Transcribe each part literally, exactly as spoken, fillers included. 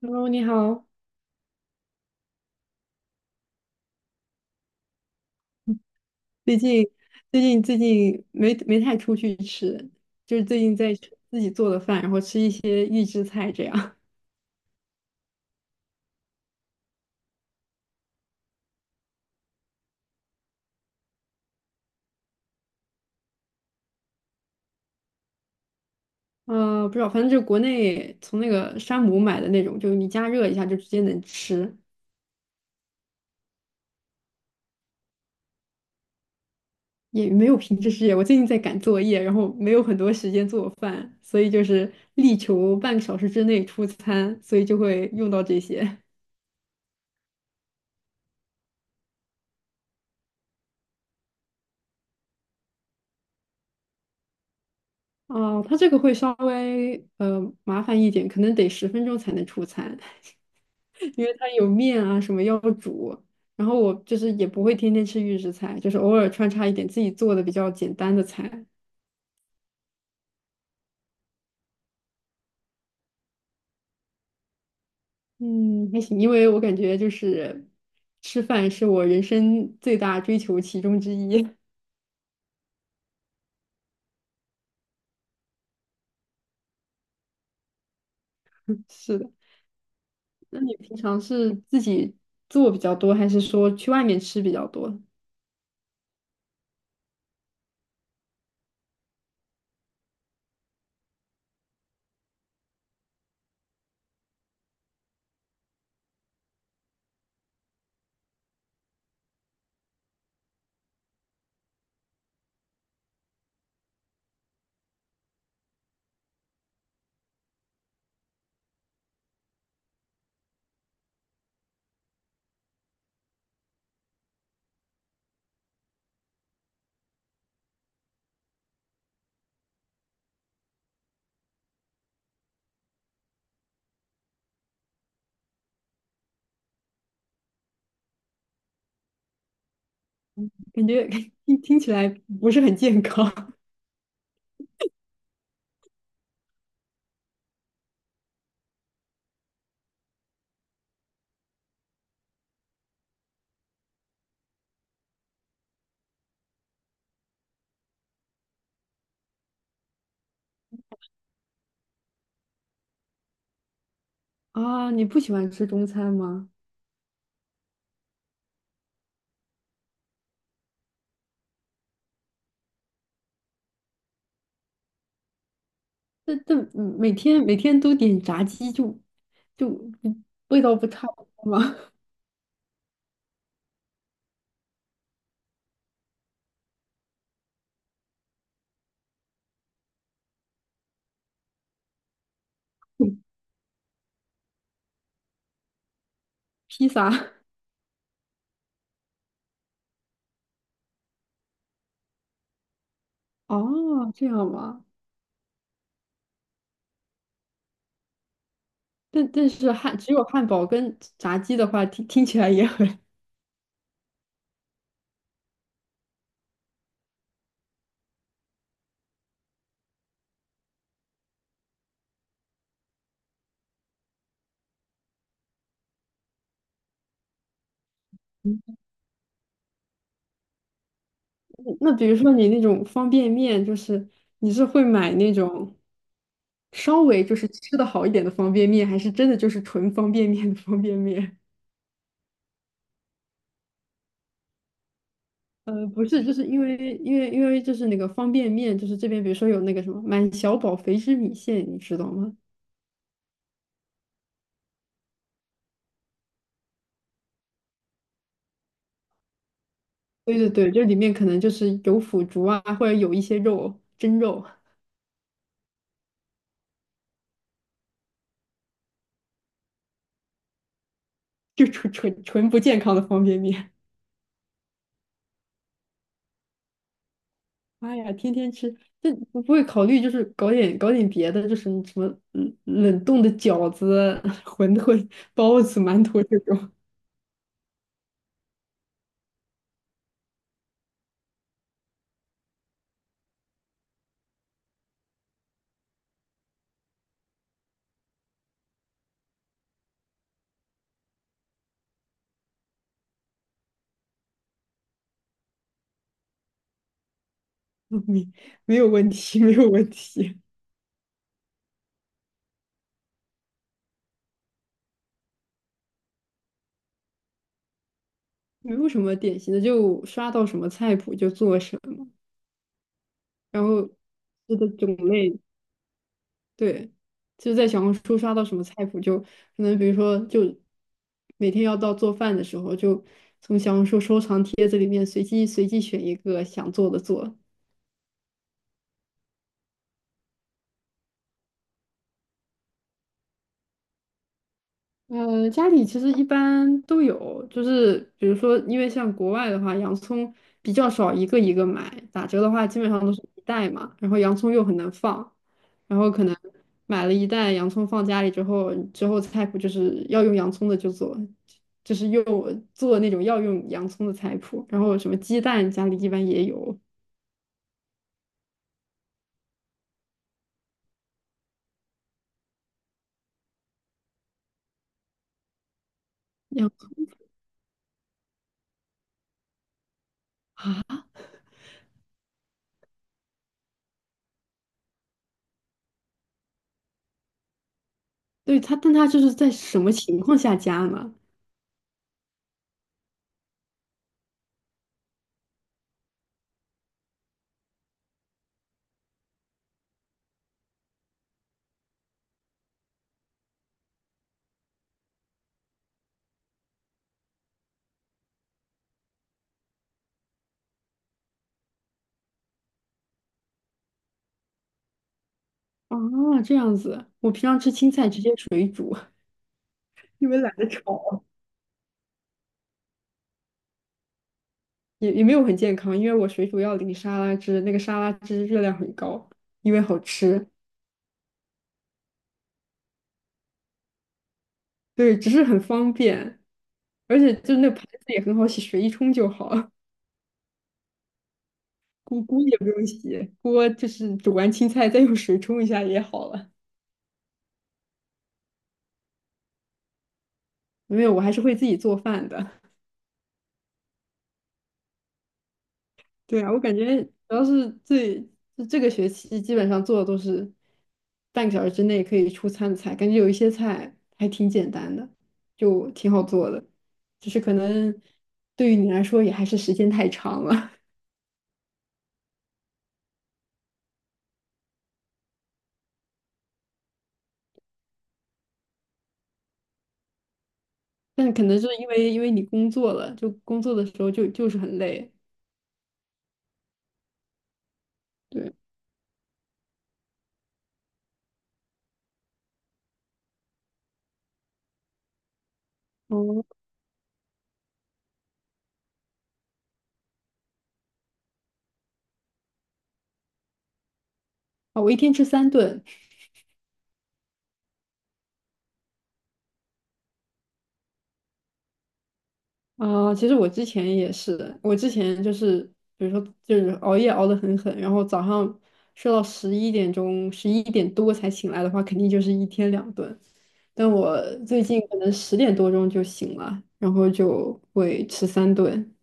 Hello，你好。最近最近最近没没太出去吃，就是最近在吃自己做的饭，然后吃一些预制菜这样。呃，不知道，反正就国内从那个山姆买的那种，就是你加热一下就直接能吃，也没有品质试验。我最近在赶作业，然后没有很多时间做饭，所以就是力求半个小时之内出餐，所以就会用到这些。哦，它这个会稍微呃麻烦一点，可能得十分钟才能出餐。因为它有面啊什么要煮，然后我就是也不会天天吃预制菜，就是偶尔穿插一点自己做的比较简单的菜。嗯，还行，因为我感觉就是吃饭是我人生最大追求其中之一。是的，那你平常是自己做比较多，还是说去外面吃比较多？感觉 听听起来不是很健康 啊。你不喜欢吃中餐吗？但但嗯每天每天都点炸鸡就就不味道不差不多吗？披萨哦，这样吗？但但是汉只有汉堡跟炸鸡的话，听听起来也很…… 嗯那比如说你那种方便面，就是你是会买那种稍微就是吃的好一点的方便面，还是真的就是纯方便面的方便面？呃，不是，就是因为因为因为就是那个方便面，就是这边比如说有那个什么满小宝肥汁米线，你知道吗？对对对，这里面可能就是有腐竹啊，或者有一些肉，蒸肉，就纯纯纯不健康的方便面。妈呀，天天吃，这不不会考虑就是搞点搞点别的，就是什么冷冷冻的饺子、馄饨、包子、馒头这种，没没有问题，没有问题，没有什么典型的，就刷到什么菜谱就做什么，然后吃的种类。对，就是在小红书刷到什么菜谱，就可能比如说，就每天要到做饭的时候，就从小红书收藏帖子里面随机随机选一个想做的做，呃，家里其实一般都有，就是比如说，因为像国外的话，洋葱比较少一个一个买，打折的话基本上都是一袋嘛，然后洋葱又很难放，然后可能买了一袋洋葱放家里之后，之后菜谱就是要用洋葱的就做，就是用做那种要用洋葱的菜谱，然后什么鸡蛋家里一般也有，洋葱啊，对它，但它就是在什么情况下加呢？啊，这样子，我平常吃青菜直接水煮。因为懒得炒，也也没有很健康，因为我水煮要淋沙拉汁，那个沙拉汁热量很高，因为好吃，对，只是很方便，而且就那盘子也很好洗，水一冲就好，锅锅也不用洗，锅就是煮完青菜再用水冲一下也好了。没有，我还是会自己做饭的。对啊，我感觉主要是这就这个学期基本上做的都是半个小时之内可以出餐的菜，感觉有一些菜还挺简单的，就挺好做的。只是可能对于你来说也还是时间太长了。但可能是因为因为你工作了，就工作的时候就就是很累。对，哦，啊，我一天吃三顿。啊，其实我之前也是的，我之前就是，比如说就是熬夜熬得很狠，然后早上睡到十一点钟、十一点多才醒来的话，肯定就是一天两顿。但我最近可能十点多钟就醒了，然后就会吃三顿。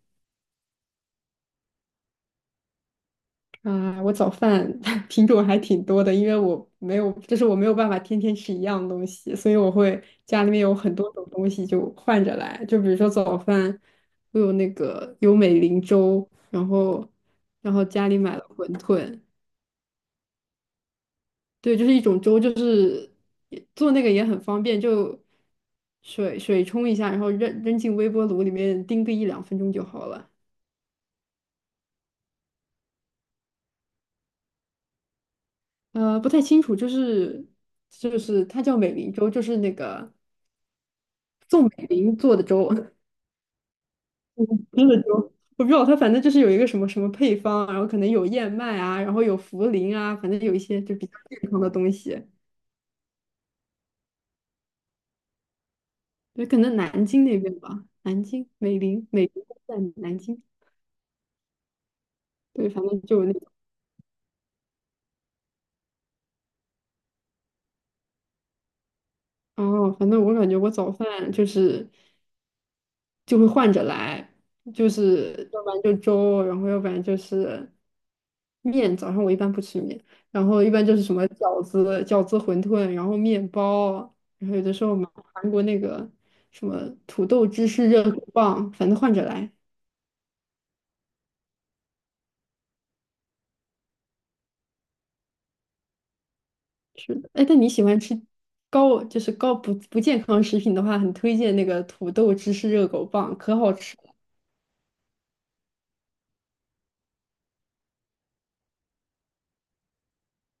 啊，我早饭 品种还挺多的，因为我没有，就是我没有办法天天吃一样东西，所以我会家里面有很多种东西就换着来。就比如说早饭，我有那个有美林粥，然后然后家里买了馄饨，对，就是一种粥，就是也做那个也很方便，就水水冲一下，然后扔扔进微波炉里面叮个一两分钟就好了。呃，不太清楚，就是就是它叫美林粥，就是那个。宋美龄做的粥，嗯真的粥，我不知道它反正就是有一个什么什么配方，然后可能有燕麦啊，然后有茯苓啊，反正有一些就比较健康的东西。对，可能南京那边吧，南京美龄，美龄在南京。对，反正就有那种哦，反正我感觉我早饭就是就会换着来，就是要不然就粥，然后要不然就是面。早上我一般不吃面，然后一般就是什么饺子、饺子、馄饨，然后面包，然后有的时候买韩国那个什么土豆芝士热狗棒，反正换着来。是的，哎，但你喜欢吃高，就是高不不健康食品的话，很推荐那个土豆芝士热狗棒，可好吃了。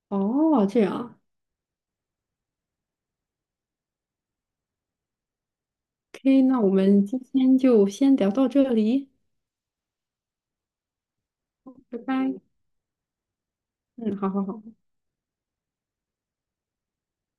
哦，这样，OK，那我们今天就先聊到这里，拜拜。嗯，好好好。